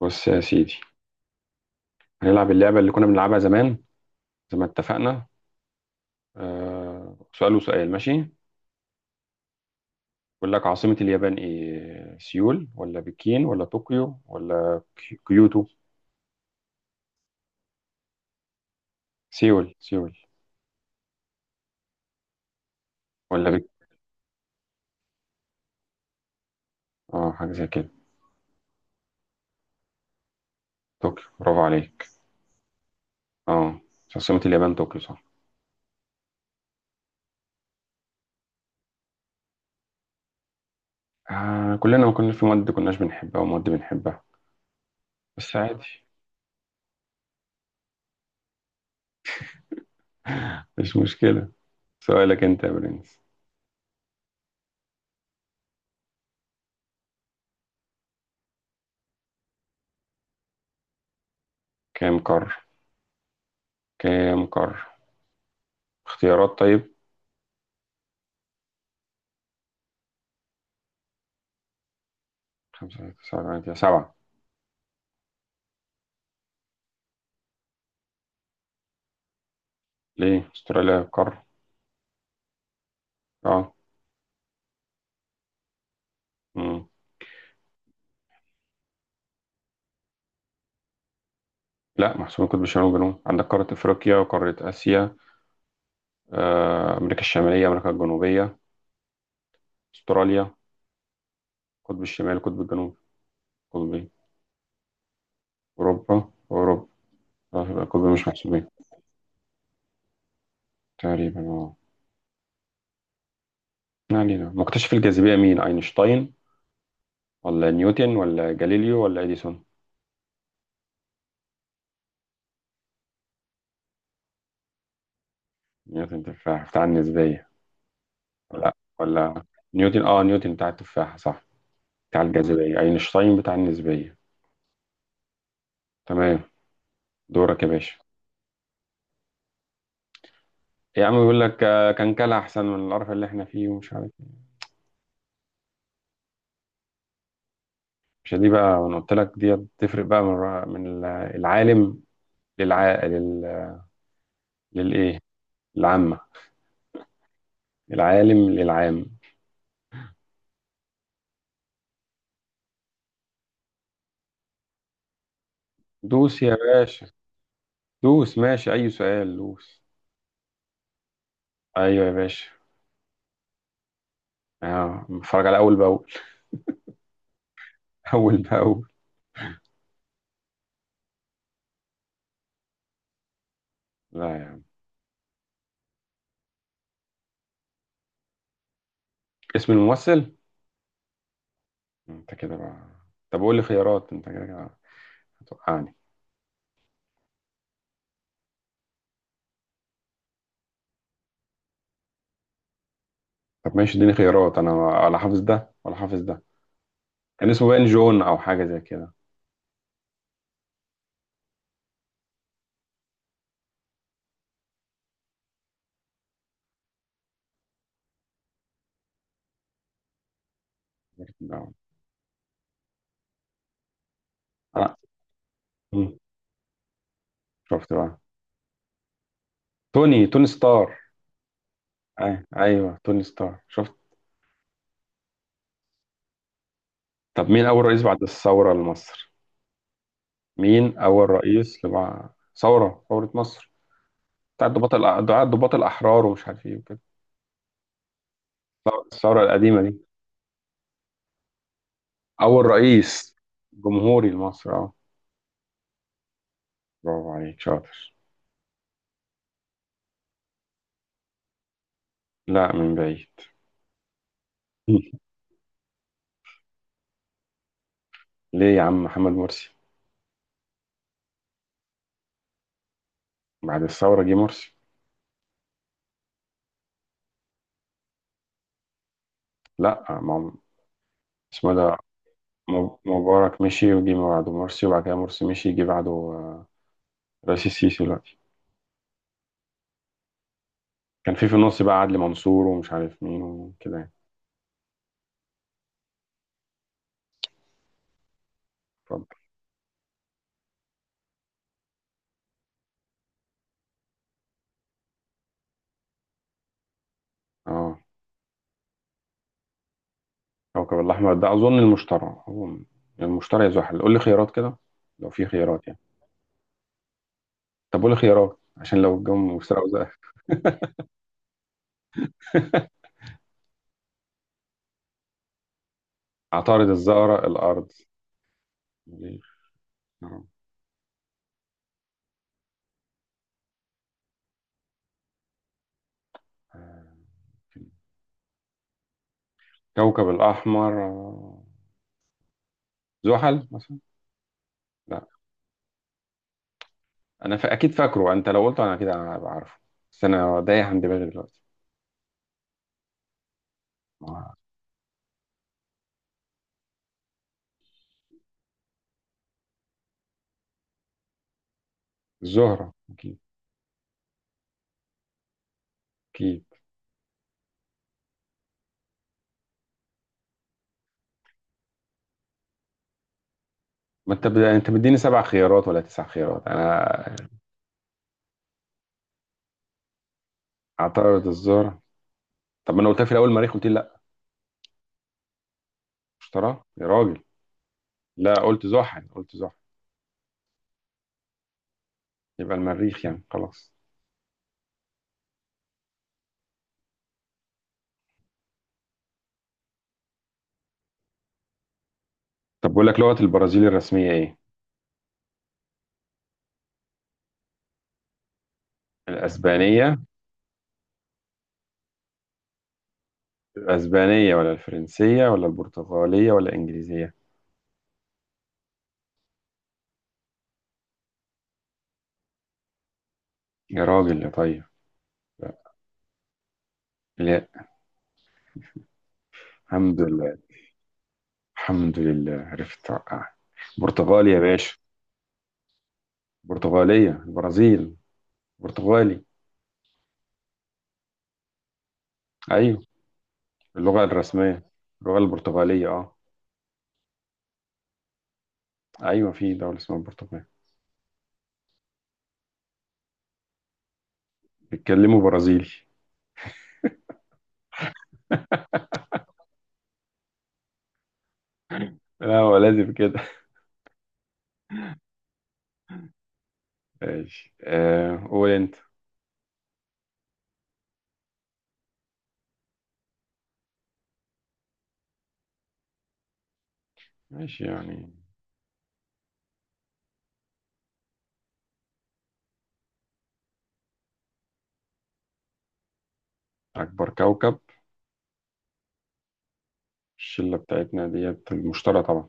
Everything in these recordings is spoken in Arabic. بص يا سيدي، هنلعب اللعبة اللي كنا بنلعبها زمان زي ما اتفقنا. آه سؤال وسؤال ماشي. بقول لك عاصمة اليابان ايه؟ سيول ولا بكين ولا طوكيو ولا كيوتو؟ سيول سيول ولا بك. اه حاجة زي كده. طوكيو، برافو عليك. اه عاصمة اليابان طوكيو صح. آه كلنا ما كنا في مواد كناش بنحبها ومواد بنحبها. بس عادي. مش مشكلة. سؤالك انت يا برنس. كام قارة؟ كام قارة؟ اختيارات طيب. خمسة تسعة تمانية، سبعة. ليه استراليا قارة؟ اه. مم. لا محسوبين، قطب شمال وجنوب. عندك قارة افريقيا وقارة اسيا، امريكا الشمالية امريكا الجنوبية، استراليا، قطب الشمال قطب الجنوب. قطبين. اوروبا. اوروبا. اه يبقى القطب مش محسوبين. تقريبا اه. ما علينا، مكتشف الجاذبية مين؟ اينشتاين ولا نيوتن ولا جاليليو ولا اديسون؟ نيوتن بتاع النسبية. لا. ولا. نيوتن اه نيوتن بتاع التفاحة صح. بتاع الجاذبية اينشتاين بتاع النسبية. تمام. دورك يا باشا. يا عم بيقول لك كان كلا احسن من القرف اللي احنا فيه ومش عارف إيه. مش دي بقى، انا قلت لك دي بتفرق بقى العالم للع لل... للايه. العامة. العالم للعام. دوس يا باشا. دوس ماشي اي سؤال دوس. ايوه يا باشا. اه بتفرج على اول باول. اول باول. لا يا عم. اسم الممثل. انت كده بقى. طب قول لي خيارات، انت كده كده هتوقعني. طب ماشي اديني خيارات، انا ولا حافظ ده ولا حافظ ده. كان اسمه باين جون او حاجة زي كده. انا. مم. شفت بقى. توني توني ستار. أي. ايوه توني ستار شفت. طب مين اول رئيس بعد الثوره لمصر؟ مين اول رئيس ثوره ثوره مصر. بتاع الضباط الاحرار ومش عارف ايه وكده. الثوره القديمه دي. اول رئيس جمهوري لمصر اه. برافو عليك شاطر. لا من بعيد. ليه يا عم محمد مرسي. بعد الثوره جه مرسي. لا ما هو-. اسمه ده مبارك مشي وجي بعده مرسي وبعد كده مرسي مشي جه بعده، رئيس السيسي دلوقتي. كان في النص بقى عدلي منصور ومش عارف مين وكده يعني. اتفضل. اه كوكب الأحمر ده أظن المشتري أظن. المشتري يا زحل، قول لي خيارات كده. لو في خيارات يعني. طب قول لي خيارات عشان لو الجو مفترق زي. عطارد الزهرة الأرض المريخ. نعم. آه. كوكب الأحمر آه، زحل مثلا. لا، أنا أكيد فاكره. أنت لو قلته أنا أكيد هبقى عارفه. بس أنا دايح عن دماغي دلوقتي. آه، الزهرة أكيد. أكيد. ما انت انت مديني سبع خيارات ولا تسع خيارات انا. اعترض الزهرة. طب ما انا قلتها في الاول المريخ قلت لي لا. اشتراه يا راجل. لا قلت زحل قلت زحل. يبقى المريخ يعني خلاص. طب بقول لك لغة البرازيل الرسمية ايه؟ الاسبانية. الاسبانية ولا الفرنسية ولا البرتغالية ولا الانجليزية؟ يا راجل يا طيب. لا. لا. الحمد لله. الحمد لله عرفت. برتغالي يا باشا. برتغالية البرازيل. برتغالي. ايوه. اللغة الرسمية اللغة البرتغالية اه. ايوه في دولة اسمها البرتغال. بيتكلموا برازيلي. لا هو لازم كده. ماشي آه قول انت. ماشي يعني. اكبر كوكب. الشلة بتاعتنا ديت المشتري طبعا.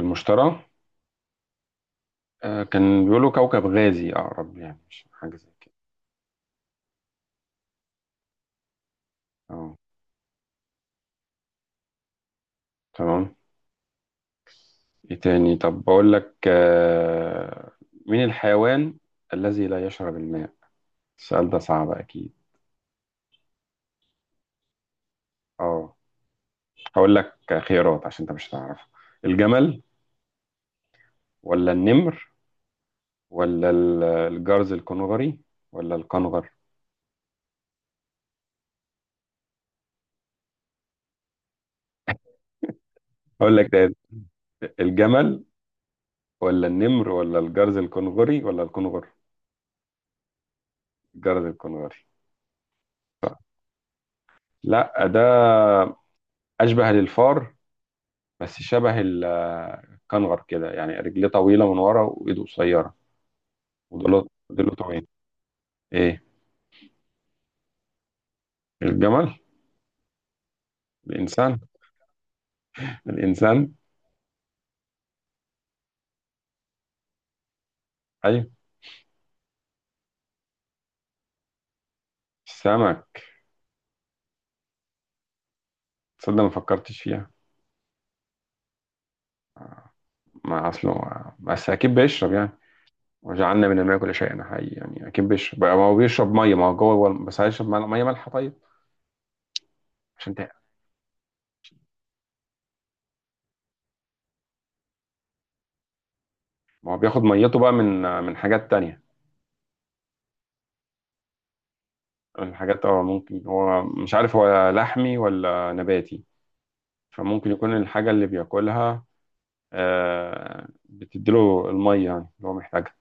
المشتري. آه كان بيقولوا كوكب غازي اقرب يعني مش حاجة زي كده. اه. تمام. ايه تاني؟ طب بقول لك آه مين الحيوان الذي لا يشرب الماء؟ السؤال ده صعب اكيد. اه هقول لك خيارات عشان انت مش هتعرف. الجمل ولا النمر ولا الجرز الكنغري ولا الكنغر. اقول لك تاني. الجمل ولا النمر ولا الجرز الكنغري ولا الكنغر. الجرز الكنغري. لا ده اشبه للفار، بس شبه الكنغر كده يعني رجليه طويله من ورا وايده قصيره. وضلوع. ضلوع طويل. ايه. الجمل. الانسان. الانسان. ايوه. السمك. تصدق ما فكرتش فيها. ما اصله ما بس اكيد بيشرب يعني. وجعلنا من الماء كل شيء، انا حقيقي يعني اكيد بيشرب بقى، ما هو بيشرب ميه، ما هو جوه بس هيشرب ميه مية مالحه طيب. عشان تقل. ما هو بياخد ميته بقى من حاجات تانية. من حاجات اه ممكن هو مش عارف هو لحمي ولا نباتي. فممكن يكون الحاجه اللي بياكلها بتديله الميه يعني اللي هو محتاجها.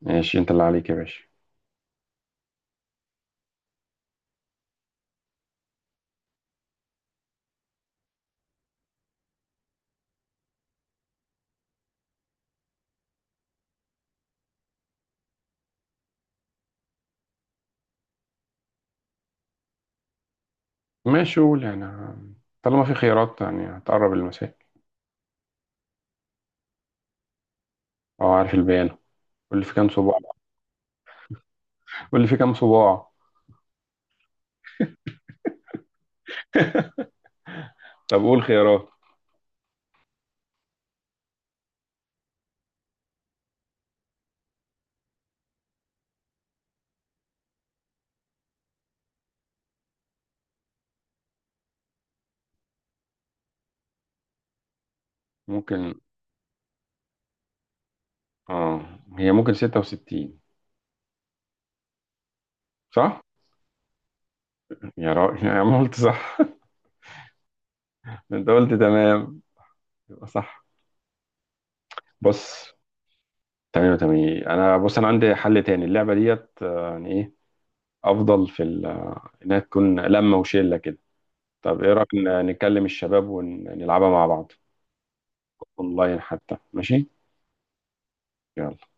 ماشي انت اللي عليك يا باشا. ماشي قول يعني طالما في خيارات يعني هتقرب المسائل. اه عارف البيانة. قول لي في كام صباع. قول لي في كام صباع. طب قول خيارات. ممكن. اه هي ممكن 66. صح؟ يا راجل يا عم قلت صح. انت قلت تمام يبقى صح. بص. تمام تمام. انا بص انا عندي حل تاني، اللعبة ديت يعني ايه افضل في انها تكون لمة وشلة كده. طب ايه رأيك نكلم الشباب ونلعبها مع بعض. اونلاين حتى ماشي؟ يلا.